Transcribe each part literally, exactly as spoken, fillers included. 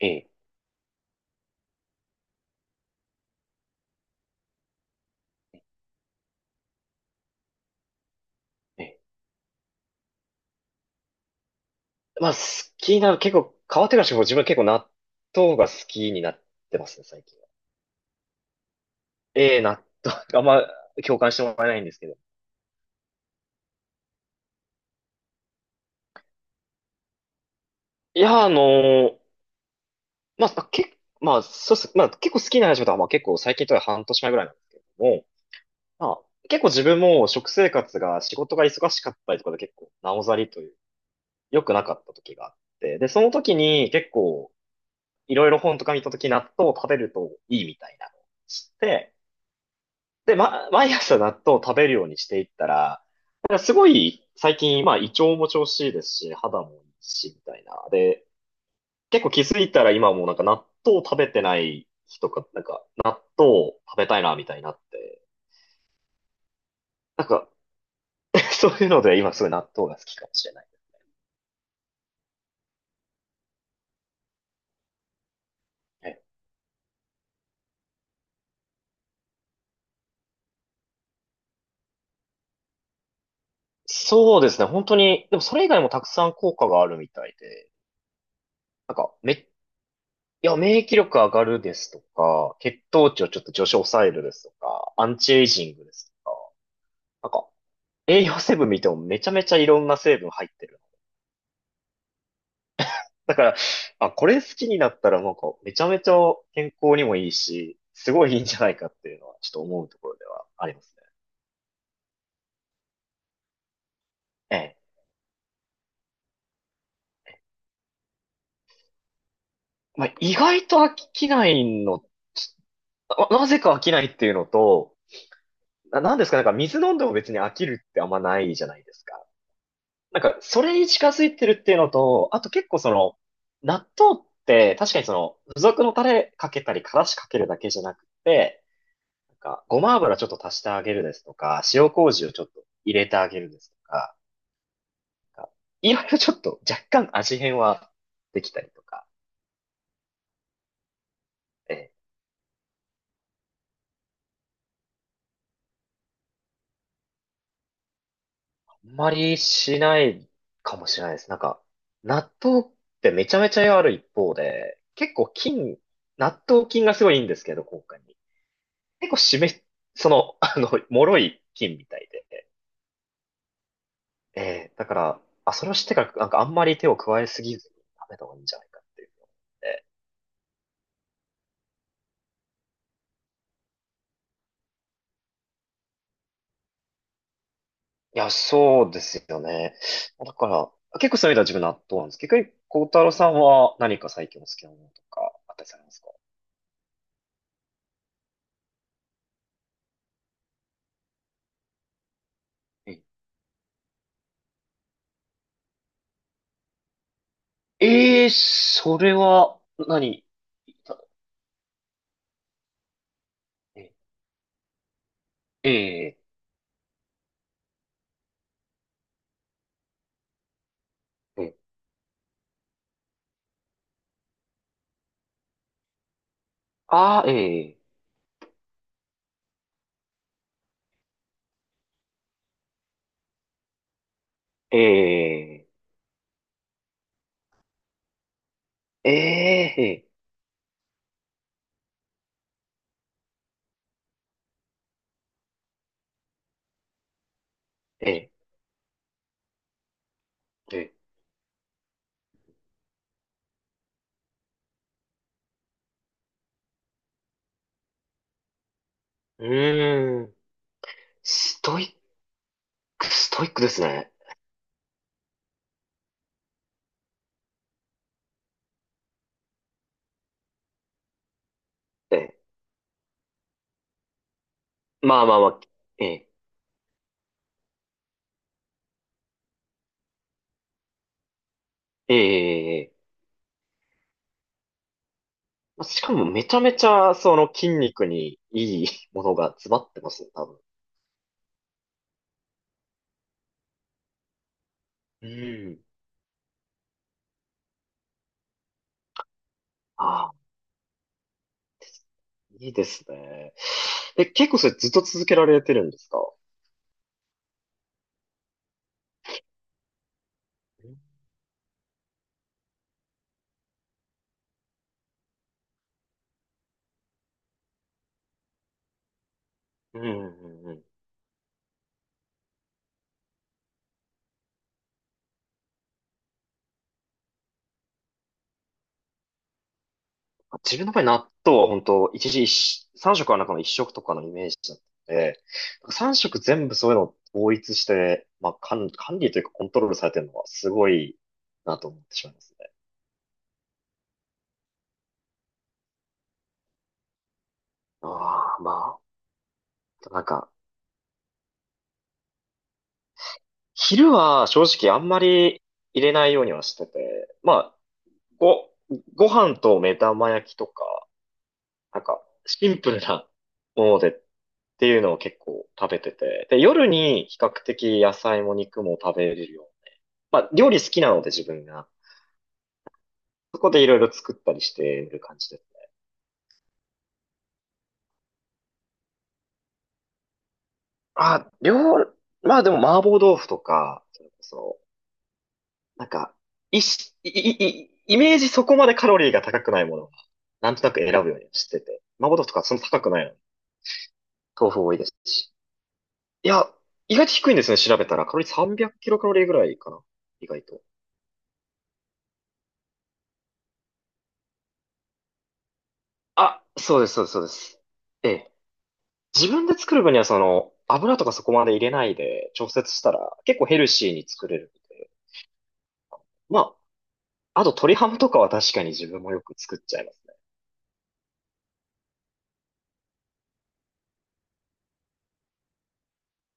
ええ、ええ。まあ、好きな、結構、変わってからしても自分は結構納豆が好きになってますね、最近は。ええ、納豆、あんま共感してもらえないんですけど。いや、あのーまあ、け、まあ、そうっす。まあ、結構好きな話だとは、まあ結構最近とは半年前ぐらいなんですけれども、まあ、結構自分も食生活が仕事が忙しかったりとかで結構なおざりという、良くなかった時があって、で、その時に結構いろいろ本とか見た時納豆を食べるといいみたいなのを知って、で、ま、毎朝納豆を食べるようにしていったら、なんかすごい最近、まあ胃腸も調子いいですし、肌もいいし、みたいな。で、結構気づいたら今もうなんか納豆を食べてない日とか、なんか納豆を食べたいな、みたいになって。なんか、そういうので今すごい納豆が好きかもしれない。え、そうですね、本当に、でもそれ以外もたくさん効果があるみたいで、なんか、め、いや、免疫力上がるですとか、血糖値をちょっと上昇抑えるですとか、アンチエイジングですとか、栄養成分見てもめちゃめちゃいろんな成分入ってる。だから、あ、これ好きになったらなんかめちゃめちゃ健康にもいいし、すごいいいんじゃないかっていうのはちょっと思うところではありますね。ええ。まあ、意外と飽きないの、ななぜか飽きないっていうのと、な、なんですか、なんか水飲んでも別に飽きるってあんまないじゃないですか。なんか、それに近づいてるっていうのと、あと結構その、納豆って確かにその、付属のタレかけたり、からしかけるだけじゃなくて、なんか、ごま油ちょっと足してあげるですとか、塩麹をちょっと入れてあげるですとか、なんかいろいろちょっと若干味変はできたりとか、ええ、あんまりしないかもしれないです。なんか、納豆ってめちゃめちゃ栄いある一方で、結構菌、納豆菌がすごいいいんですけど、効果に。結構湿っ、その、あの、脆い菌みたいで、ええ、だから、あ、それを知ってから、なんかあんまり手を加えすぎずに食べた方がいいんじゃないかっていうの、いや、そうですよね。だから、結構そういう意味では自分納豆なんです。逆に、孝太郎さんは何か最近お好きなものとかあったりされますか？えええーそれは何、えええええ、ああ、ええ、ええええええ、ええ、うーん。ストイック、ストイックですね。ええ、まあまあまあ、ええええええ、しかもめちゃめちゃその筋肉にいいものが詰まってますね、多分。うん。ああ、いいですね。え、結構それずっと続けられてるんですか？うんうんうんうん。自分の場合納豆は本当一日一、さん食は中の一食とかのイメージだったので、さん食全部そういうのを統一して、まあ、管、管理というかコントロールされてるのはすごいなと思ってしまいますね。ああ、まあ、あとなんか、昼は正直あんまり入れないようにはしてて、まあ、ご、ご飯と目玉焼きとか、なんかシンプルなものでっていうのを結構食べてて、で、夜に比較的野菜も肉も食べれるよう。まあ、料理好きなので自分が、そこでいろいろ作ったりしてる感じです。あ、料、まあでも麻婆豆腐とか、それこそなんか、いし、い、い、い、イメージそこまでカロリーが高くないものは、なんとなく選ぶようにしてて。麻婆豆腐とかそんな高くないのに。豆腐多いですし。いや、意外と低いんですね、調べたら。カロリーさんびゃくキロカロリーぐらいかな。意外と。あ、そうです、そうです、そうです。ええ。自分で作る分にはその、油とかそこまで入れないで調節したら結構ヘルシーに作れるので。まあ、あと鶏ハムとかは確かに自分もよく作っちゃいます。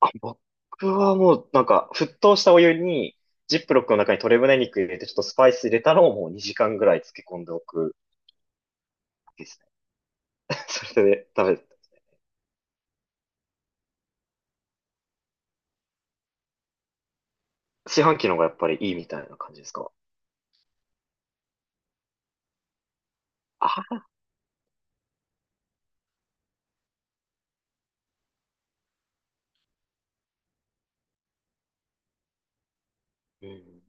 あ、僕はもうなんか沸騰したお湯にジップロックの中に鶏胸肉入れてちょっとスパイス入れたのをもうにじかんぐらい漬け込んでおくですね。それで食べて、市販機の方がやっぱりいいみたいな感じですか？あ、うん。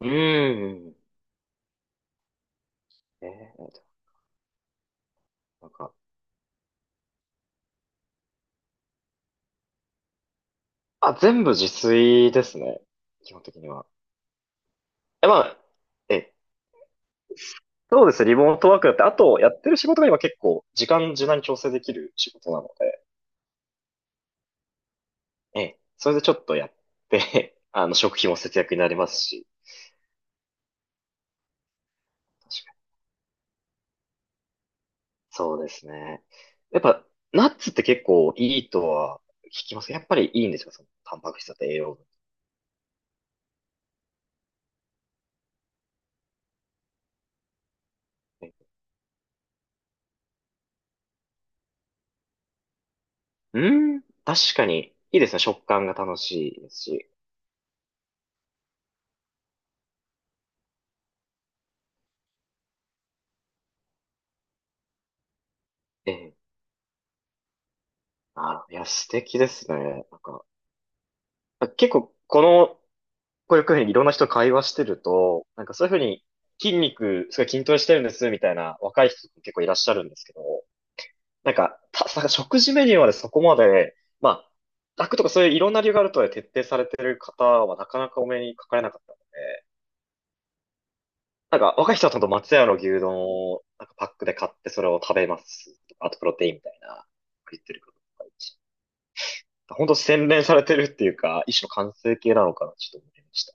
うーん。えー、なんか、あ、全部自炊ですね。基本的には。え、まあ、え、そうですね。リモートワークだって、あとやってる仕事が今結構時間柔軟に調整できる仕事なので、ええ、それでちょっとやって、あの、食費も節約になりますし、確かにそうですね。やっぱ、ナッツって結構いいとは聞きますけど、やっぱりいいんですかその、タンパク質だと栄養分。うん、確かに、いいですね。食感が楽しいですし。ええ、あ、いや、素敵ですね。なんか、結構、この、こういうふうにいろんな人と会話してると、なんかそういうふうに筋肉、すごい筋トレしてるんです、みたいな若い人結構いらっしゃるんですけど、なんか、た、さ食事メニューまでそこまで、まあ、楽とかそういういろんな理由があるとはいえ徹底されてる方はなかなかお目にかかれなかったので、なんか若い人はちゃんと松屋の牛丼をなんかパックで買ってそれを食べますとか。あとプロテインみたいな、言ってる方ととかいるし。本当洗練されてるっていうか、一種の完成形なのかな、ちょっと思いました。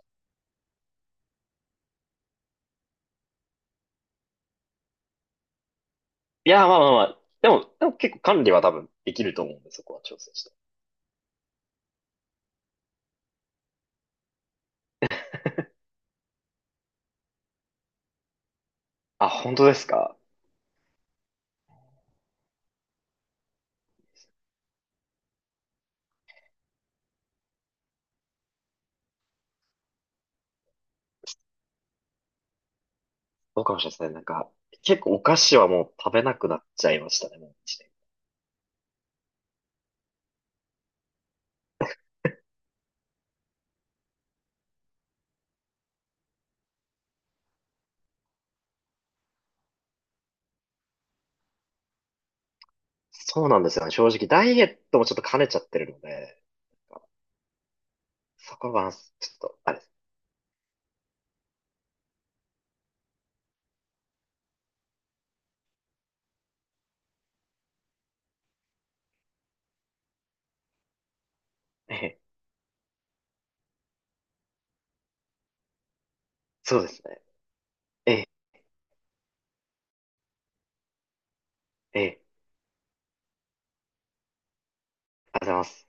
いや、まあまあまあ、でも、でも結構管理は多分できると思うんで、そこは調整して。あ、本当ですか？どうかもしれませんね。なんか、結構お菓子はもう食べなくなっちゃいましたね、もう一年。そうなんですよね。正直、ダイエットもちょっと兼ねちゃってるので、そこは、ちょっと、あれです。ええ、そうですね。ええ、ええ、ありがとうございます。